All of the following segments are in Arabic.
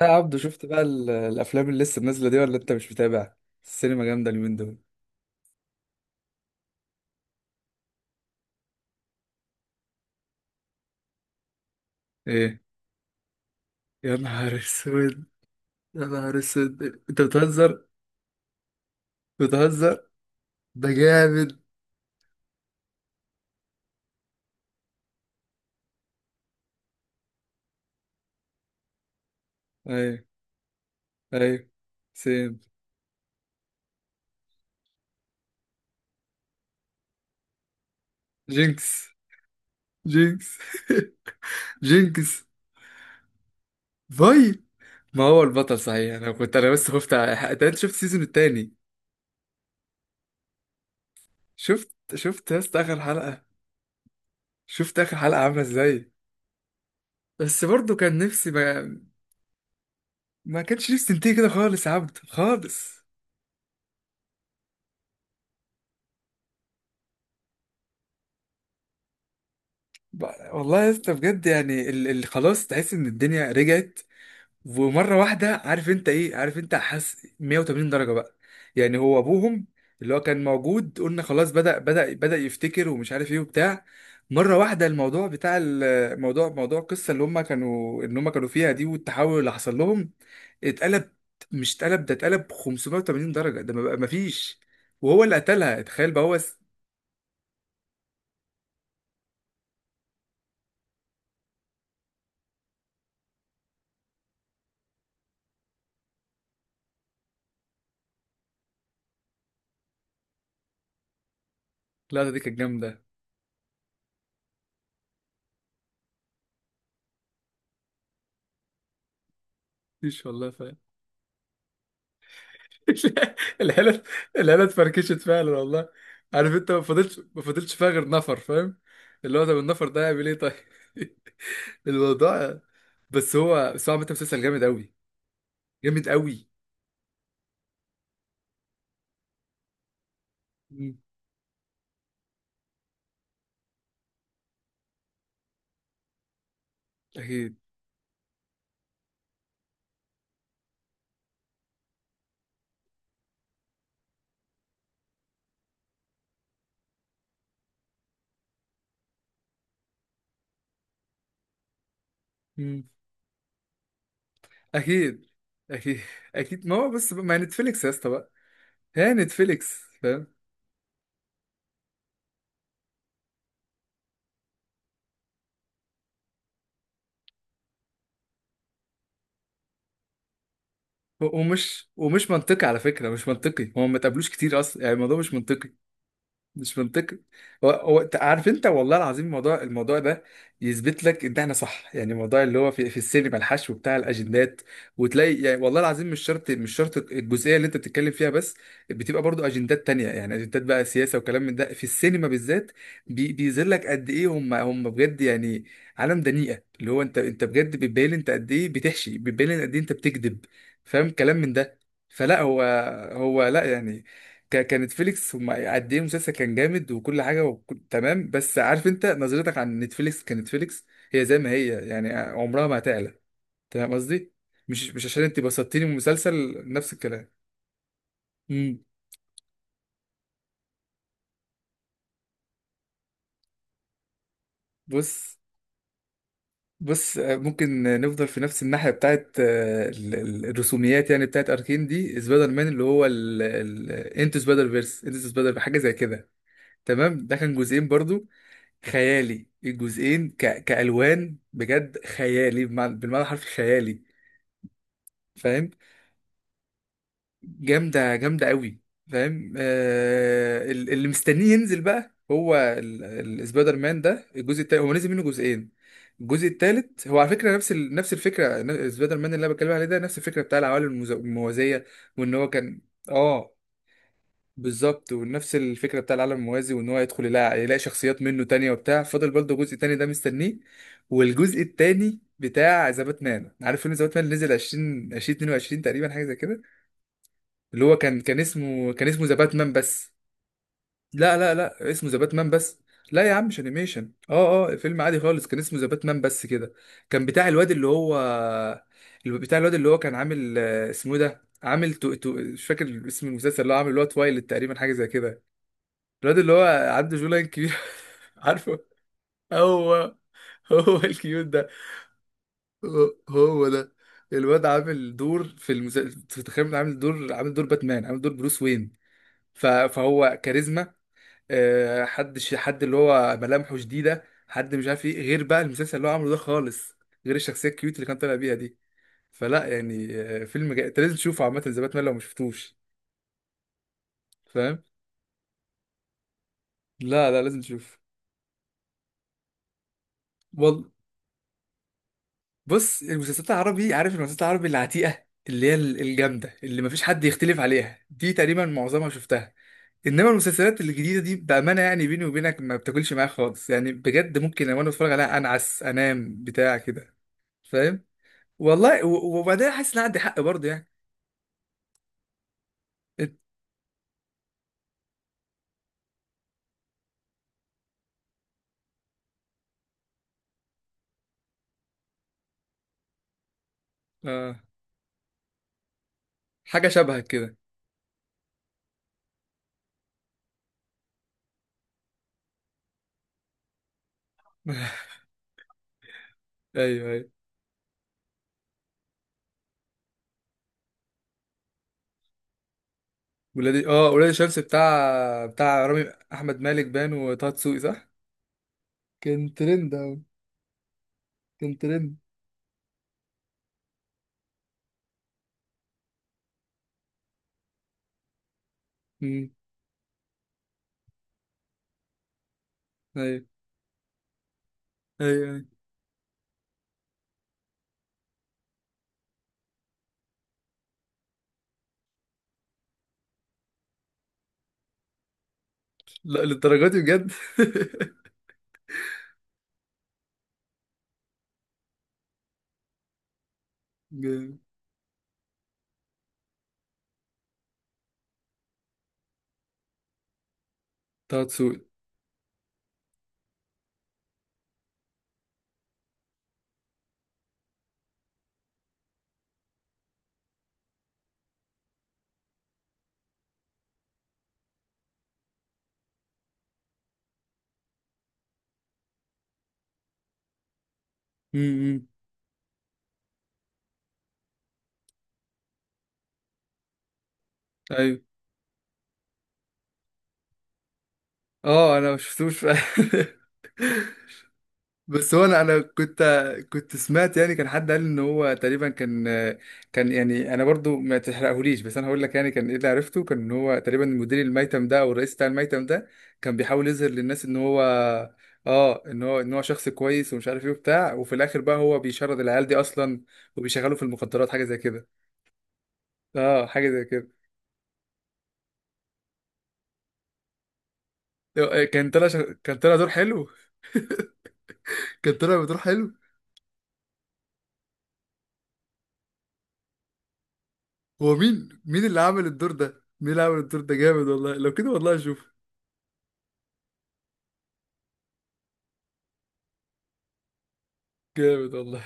يا عبدو، شفت بقى الافلام اللي لسه نازله دي ولا انت مش متابع؟ السينما جامده اليومين دول. ايه؟ يا نهار اسود، يا نهار اسود! انت بتهزر، بتهزر. ده جامد. ايوه، ايوه. سيم. جينكس، جينكس جينكس. باي. ما هو البطل صحيح. انا كنت، انا بس خفت أنت شفت السيزون التاني؟ شفت يا اسطى اخر حلقه. شفت اخر حلقه عامله ازاي؟ بس برضو كان نفسي ما كانش نفسي تنتهي كده خالص، يا عبد، خالص. والله يا اسطى، بجد يعني اللي خلاص تحس ان الدنيا رجعت. ومره واحده، عارف انت ايه، عارف انت حاسس 180 درجه بقى. يعني هو ابوهم، اللي هو كان موجود قلنا خلاص، بدأ يفتكر ومش عارف ايه وبتاع. مره واحده الموضوع، بتاع الموضوع موضوع القصه اللي هم كانوا فيها دي، والتحول اللي حصل لهم. اتقلب، مش اتقلب ده، اتقلب 580 درجه، ده ما فيش. وهو اللي قتلها، تخيل بقى هو اللقطه دي كانت جامده. مفيش والله. العيله، العيله اتفركشت فعلا والله. عارف انت، ما فضلتش فيها غير نفر فاهم؟ اللي هو طب النفر ده هيعمل ايه طيب؟ الموضوع. بس هو عامة مسلسل جامد قوي، جامد قوي. مم. اكيد. مم. اكيد، اكيد، اكيد. ما هو بس ما نتفليكس يا اسطى بقى. هي نتفليكس فاهم. ومش منطقي على فكرة، مش منطقي. هو ما تقابلوش كتير اصلا يعني، الموضوع مش منطقي. مش منطقي. هو عارف انت، والله العظيم الموضوع ده يثبت لك ان احنا صح. يعني الموضوع اللي هو في السينما، الحشو بتاع الاجندات. وتلاقي يعني والله العظيم، مش شرط، مش شرط الجزئيه اللي انت بتتكلم فيها بس. بتبقى برضو اجندات تانية، يعني اجندات بقى سياسه وكلام من ده في السينما بالذات. بيظهر لك قد ايه هم بجد يعني. عالم دنيئه، اللي هو انت بجد بتبين انت قد ايه بتحشي، بتبين قد ايه انت بتكذب. فاهم كلام من ده. فلا، هو لا يعني. كانت فيليكس هم قد ايه، المسلسل كان جامد وكل حاجه وكل تمام. بس عارف انت، نظرتك عن نتفليكس كنتفليكس هي زي ما هي يعني، عمرها ما هتعلى. تمام؟ قصدي مش عشان انت بسطتيني من مسلسل. نفس الكلام. امم بص، بص. ممكن نفضل في نفس الناحيه بتاعت الرسوميات، يعني بتاعت اركين دي. سبايدر مان اللي هو انتو سبايدر فيرس، انتو سبايدر حاجه زي كده. تمام، ده كان جزئين برضو. خيالي الجزئين كألوان بجد، خيالي بالمعنى الحرفي خيالي. فاهم. جامدة، جامدة قوي. فاهم. اللي مستنيه ينزل بقى هو السبايدر مان ده. الجزء التالت هو نزل منه جزئين. الجزء التالت هو على فكرة نفس نفس الفكرة، سبايدر مان اللي انا بتكلم عليه ده نفس الفكرة بتاع العوالم الموازية. وان هو كان، اه بالظبط. ونفس الفكره بتاع العالم الموازي، وان هو يدخل يلاقي شخصيات منه تانية وبتاع. فاضل برضه جزء تاني ده مستنيه. والجزء التاني بتاع ذا باتمان، عارف فيلم ذا باتمان نزل 20 2022 تقريبا، حاجه زي كده. اللي هو كان اسمه ذا باتمان بس. لا لا لا، اسمه ذا باتمان بس. لا يا عم، مش انيميشن، اه اه. فيلم عادي خالص، كان اسمه ذا باتمان بس كده. كان بتاع الواد اللي هو اللي بتاع الواد اللي هو كان عامل، اسمه إيه ده، عامل مش فاكر اسم المسلسل اللي هو عامل، اللي هو تويلايت تقريبا، حاجه زي كده. الواد اللي هو عنده جولان كبير. عارفه. هو هو الكيوت ده. هو, هو ده. الواد عامل دور في المسلسل، تخيل، عامل دور، عامل دور باتمان، عامل دور بروس وين. فهو كاريزما، حد حد اللي هو ملامحه شديدة، حد مش عارف ايه غير بقى المسلسل اللي هو عامله ده خالص، غير الشخصية الكيوت اللي كان طالع بيها دي. فلا يعني، فيلم انت لازم تشوفه عامة زي باتمان لو ما شفتوش. فاهم؟ لا لا، لازم تشوفه. بص، المسلسلات العربي، عارف المسلسلات العربي العتيقة اللي هي الجامدة اللي مفيش حد يختلف عليها دي، تقريبا معظمها شفتها. انما المسلسلات الجديدة دي بأمانة يعني، بيني وبينك، ما بتاكلش معايا خالص يعني، بجد ممكن وانا بتفرج عليها انعس، انام بتاع كده. فاهم؟ والله، وبعدين حاسس ان أنا عندي حق برضه يعني. إت- آه، حاجة شبهك كده. ايوه، ايوه. ولاد الشمس بتاع رامي احمد مالك، بان وطه دسوقي، صح؟ كان ترند أوي، كان ترند. امم، ايوه، ايوه، أيوه. لا، للدرجة دي بجد. جامد. طه دسوقي. امم، ايوه، اه. انا ما شفتوش فعلا. بس هو انا كنت سمعت يعني، كان حد قال ان هو تقريبا كان. كان يعني انا برضو ما تحرقهوليش، بس انا هقول لك يعني كان ايه اللي عرفته، كان ان هو تقريبا المدير الميتم ده او الرئيس بتاع الميتم ده، كان بيحاول يظهر للناس ان هو اه ان هو ان هو شخص كويس ومش عارف ايه وبتاع، وفي الاخر بقى هو بيشرد العيال دي اصلا وبيشغلوا في المخدرات، حاجه زي كده. اه، حاجه زي كده. كان طلع دور حلو. كان طلع بدور حلو. هو مين اللي عمل الدور ده، مين اللي عمل الدور ده جامد والله، لو كده والله اشوف. جامد والله.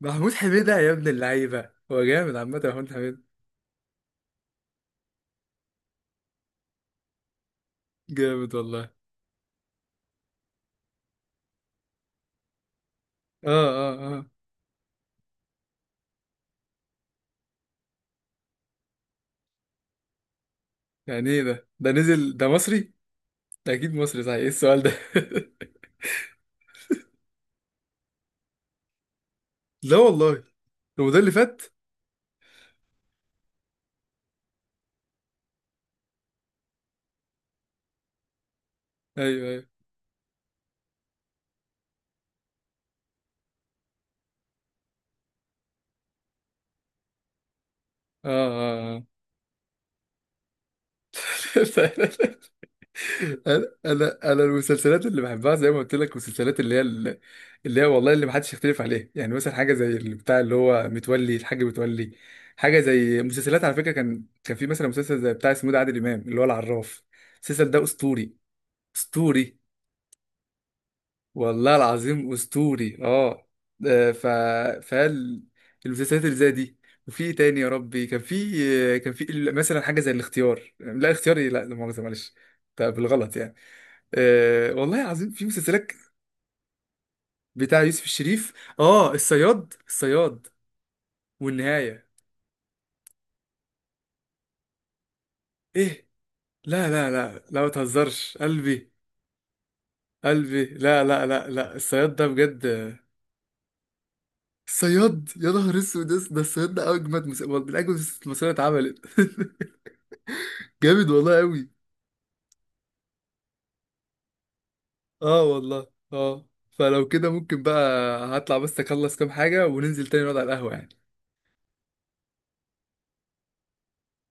محمود حميدة، يا ابن اللعيبة، هو جامد عامة محمود حميدة. جامد والله. اه اه اه، يعني ايه ده نزل، ده مصري؟ ده اكيد مصري، صحيح ايه السؤال ده. لا والله. هو ده اللي فات. ايوه، ايوه، اه اه اه. انا انا أنا المسلسلات اللي بحبها زي ما قلت لك، مسلسلات اللي هي اللي هي والله اللي محدش يختلف عليها، يعني مثلا حاجه زي اللي بتاع، اللي هو متولي، الحاج متولي. حاجه زي مسلسلات، على فكره، كان في مثلا مسلسل زي بتاع اسمه ده عادل امام، اللي هو العراف. المسلسل ده اسطوري. اسطوري والله العظيم، اسطوري. اه، ف فال المسلسلات اللي زي دي. وفي إيه تاني يا ربي، كان في مثلا حاجه زي الاختيار، لا اختياري، لا لا مؤاخذه، معلش. طب بالغلط يعني. آه والله العظيم في مسلسلات. بتاع يوسف الشريف، اه الصياد، الصياد والنهاية. ايه لا، لا لا لا، ما تهزرش قلبي. قلبي، لا لا لا لا، الصياد ده بجد. الصياد، يا نهار اسود، ده الصياد ده اجمد من اجمد المسلسلات اتعملت. جامد والله قوي. اه والله. اه، فلو كده ممكن بقى، هطلع بس اخلص كام حاجة وننزل تاني نقعد على القهوة يعني.